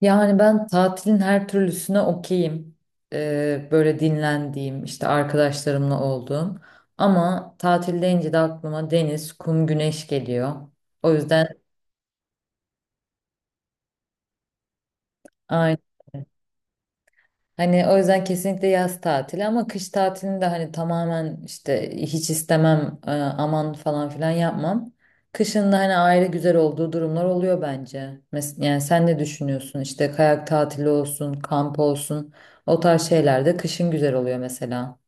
Yani ben tatilin her türlüsüne okeyim. Böyle dinlendiğim, işte arkadaşlarımla olduğum. Ama tatil deyince de aklıma deniz, kum, güneş geliyor. O yüzden aynı. Hani o yüzden kesinlikle yaz tatili ama kış tatilini de hani tamamen işte hiç istemem, aman falan filan yapmam. Kışın da hani ayrı güzel olduğu durumlar oluyor bence. Yani sen ne düşünüyorsun? İşte kayak tatili olsun, kamp olsun. O tarz şeyler de kışın güzel oluyor mesela.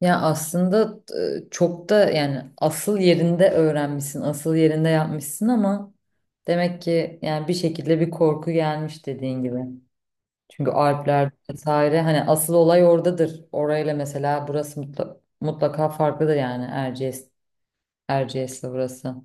Ya aslında çok da yani asıl yerinde öğrenmişsin, asıl yerinde yapmışsın ama demek ki yani bir şekilde bir korku gelmiş dediğin gibi. Çünkü Alpler vesaire hani asıl olay oradadır. Orayla mesela burası mutlaka farklıdır yani Erciyes'le burası.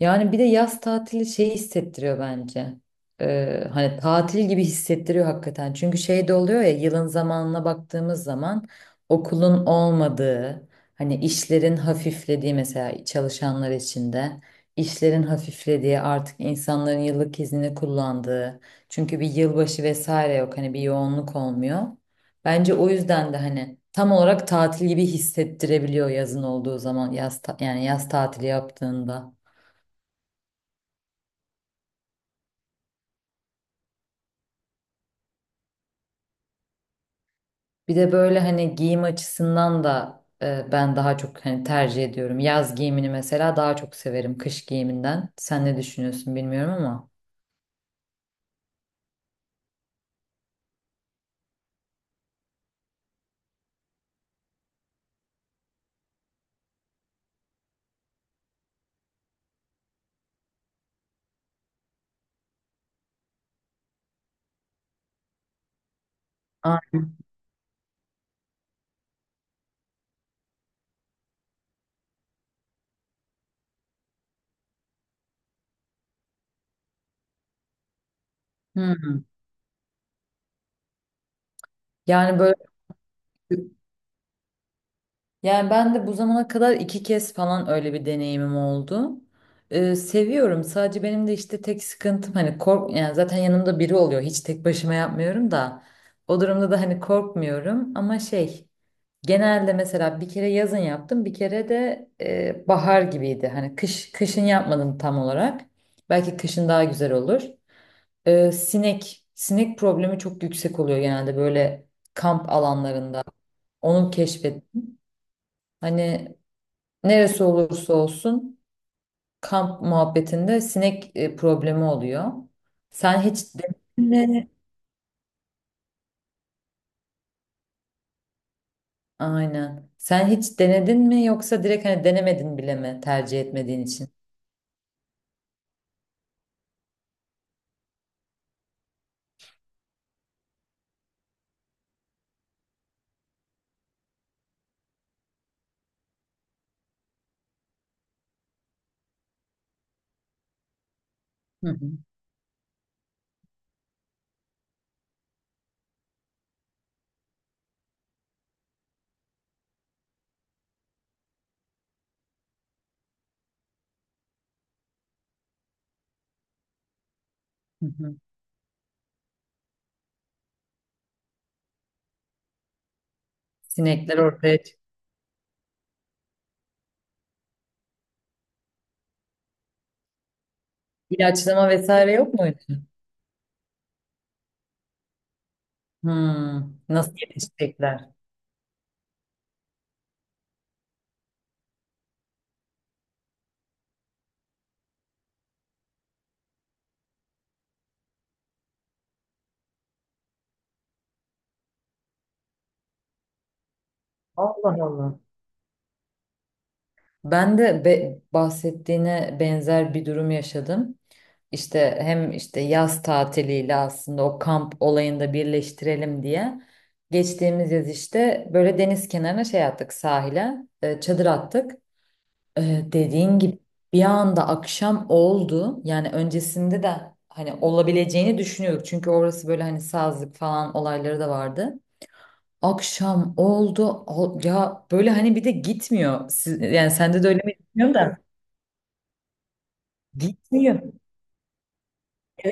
Yani bir de yaz tatili şey hissettiriyor bence. Hani tatil gibi hissettiriyor hakikaten. Çünkü şey de oluyor ya yılın zamanına baktığımız zaman okulun olmadığı, hani işlerin hafiflediği mesela çalışanlar için de işlerin hafiflediği artık insanların yıllık iznini kullandığı. Çünkü bir yılbaşı vesaire yok hani bir yoğunluk olmuyor. Bence o yüzden de hani tam olarak tatil gibi hissettirebiliyor yazın olduğu zaman yani yaz tatili yaptığında. Bir de böyle hani giyim açısından da ben daha çok hani tercih ediyorum. Yaz giyimini mesela daha çok severim kış giyiminden. Sen ne düşünüyorsun bilmiyorum ama. Ay, hı. Yani böyle yani ben de bu zamana kadar 2 kez falan öyle bir deneyimim oldu. Seviyorum. Sadece benim de işte tek sıkıntım hani yani zaten yanımda biri oluyor. Hiç tek başıma yapmıyorum da. O durumda da hani korkmuyorum ama şey. Genelde mesela bir kere yazın yaptım, bir kere de bahar gibiydi. Hani kışın yapmadım tam olarak. Belki kışın daha güzel olur. Sinek problemi çok yüksek oluyor genelde böyle kamp alanlarında. Onu keşfettim. Hani neresi olursa olsun kamp muhabbetinde sinek problemi oluyor. Sen hiç denedin mi? Aynen. Sen hiç denedin mi yoksa direkt hani denemedin bile mi tercih etmediğin için? Hı hı. Hı hı. Sinekler ortaya çıktı. İlaçlama vesaire yok muydu? Nasıl yetişecekler? Allah Allah. Ben de bahsettiğine benzer bir durum yaşadım. İşte hem işte yaz tatiliyle aslında o kamp olayında birleştirelim diye. Geçtiğimiz yaz işte böyle deniz kenarına şey attık sahile, çadır attık. Dediğin gibi bir anda akşam oldu. Yani öncesinde de hani olabileceğini düşünüyorduk. Çünkü orası böyle hani sazlık falan olayları da vardı. Akşam oldu. Ya böyle hani bir de gitmiyor. Yani sende de öyle mi bilmiyorum da. Gitmiyor.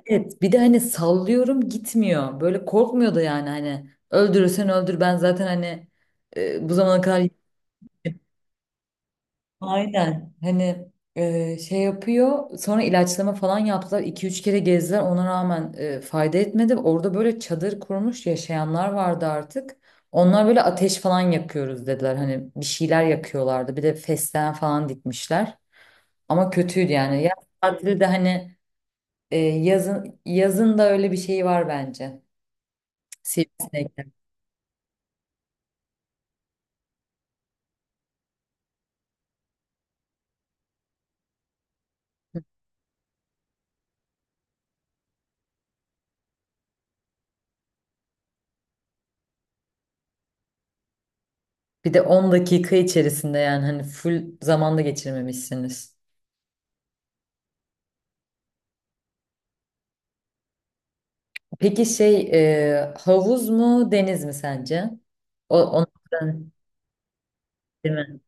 Evet. Bir de hani sallıyorum gitmiyor. Böyle korkmuyordu yani hani. Öldürürsen öldür ben zaten hani bu zamana kadar. Aynen. Hani şey yapıyor. Sonra ilaçlama falan yaptılar. İki üç kere gezdiler. Ona rağmen fayda etmedi. Orada böyle çadır kurmuş yaşayanlar vardı artık. Onlar böyle ateş falan yakıyoruz dediler. Hani bir şeyler yakıyorlardı. Bir de fesleğen falan dikmişler. Ama kötüydü yani. Yaz tatili de hani yazın yazın da öyle bir şey var bence. Sivrisinekler. Bir de 10 dakika içerisinde yani hani full zamanda geçirmemişsiniz. Peki şey havuz mu deniz mi sence? Ondan değil mi?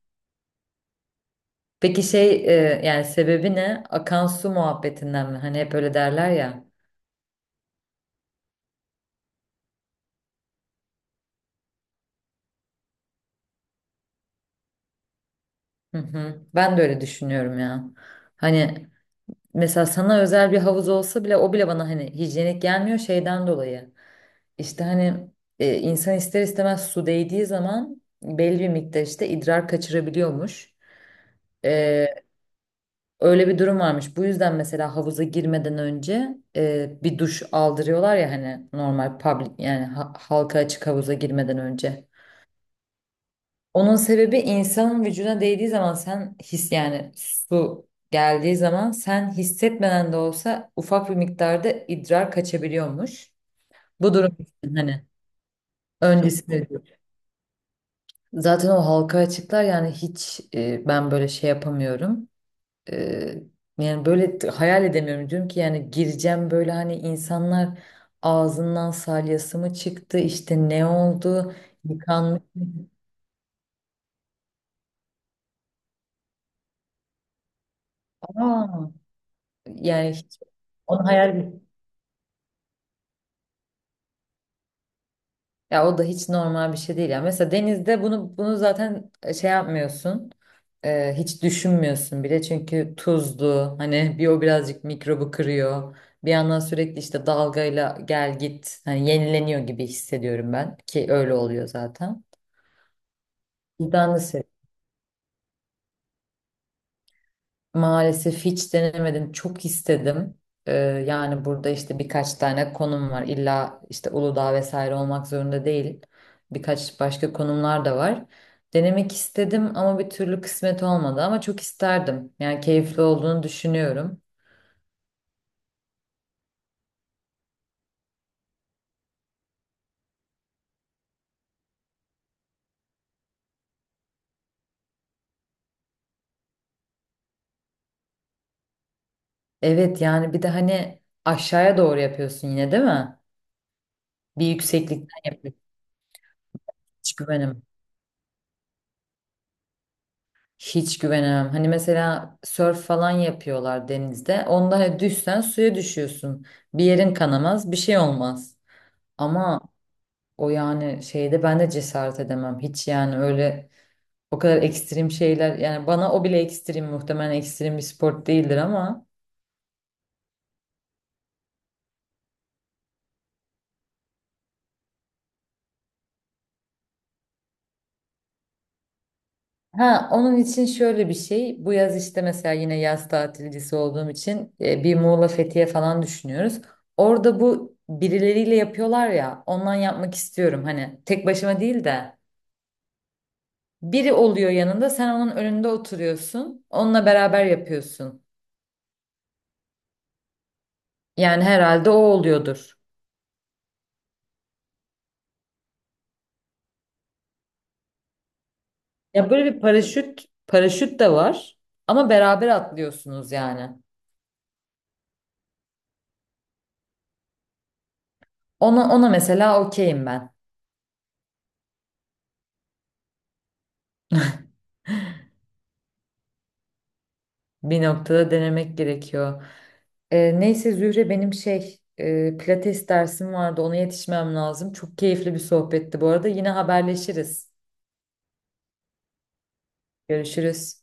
Peki şey yani sebebi ne? Akan su muhabbetinden mi? Hani hep öyle derler ya. Hı hı. Ben de öyle düşünüyorum ya. Hani mesela sana özel bir havuz olsa bile o bile bana hani hijyenik gelmiyor şeyden dolayı. İşte hani insan ister istemez su değdiği zaman belli bir miktar işte idrar kaçırabiliyormuş. E, Öyle bir durum varmış. Bu yüzden mesela havuza girmeden önce bir duş aldırıyorlar ya hani normal public yani halka açık havuza girmeden önce. Onun sebebi insanın vücuduna değdiği zaman sen yani su geldiği zaman sen hissetmeden de olsa ufak bir miktarda idrar kaçabiliyormuş. Bu durum için hani öncesinde diyor. Zaten o halka açıklar yani hiç ben böyle şey yapamıyorum. Eee, yani böyle hayal edemiyorum. Diyorum ki yani gireceğim böyle hani insanlar ağzından salyası mı çıktı işte ne oldu yıkanmış mı? Aa, yani hiç onu hayal. Ya, o da hiç normal bir şey değil. Ya mesela denizde bunu zaten şey yapmıyorsun. Hiç düşünmüyorsun bile çünkü tuzlu hani bir o birazcık mikrobu kırıyor. Bir yandan sürekli işte dalgayla gel git hani yenileniyor gibi hissediyorum ben ki öyle oluyor zaten. Ben de maalesef hiç denemedim. Çok istedim. Ee, yani burada işte birkaç tane konum var. İlla işte Uludağ vesaire olmak zorunda değil. Birkaç başka konumlar da var. Denemek istedim ama bir türlü kısmet olmadı ama çok isterdim. Yani keyifli olduğunu düşünüyorum. Evet yani bir de hani aşağıya doğru yapıyorsun yine değil mi? Bir yükseklikten yapıyorsun. Hiç güvenim. Hiç güvenemem. Hani mesela sörf falan yapıyorlar denizde. Onda hani düşsen suya düşüyorsun. Bir yerin kanamaz, bir şey olmaz. Ama o yani şeyde ben de cesaret edemem. Hiç yani öyle o kadar ekstrem şeyler yani bana o bile ekstrem muhtemelen ekstrem bir spor değildir ama. Ha, onun için şöyle bir şey. Bu yaz işte mesela yine yaz tatilcisi olduğum için bir Muğla Fethiye falan düşünüyoruz. Orada bu birileriyle yapıyorlar ya. Ondan yapmak istiyorum. Hani tek başıma değil de biri oluyor yanında, sen onun önünde oturuyorsun. Onunla beraber yapıyorsun. Yani herhalde o oluyordur. Ya böyle bir paraşüt, paraşüt de var ama beraber atlıyorsunuz yani. Ona mesela okeyim ben. Bir noktada denemek gerekiyor. Neyse Zühre benim şey pilates dersim vardı ona yetişmem lazım. Çok keyifli bir sohbetti bu arada. Yine haberleşiriz. Görüşürüz.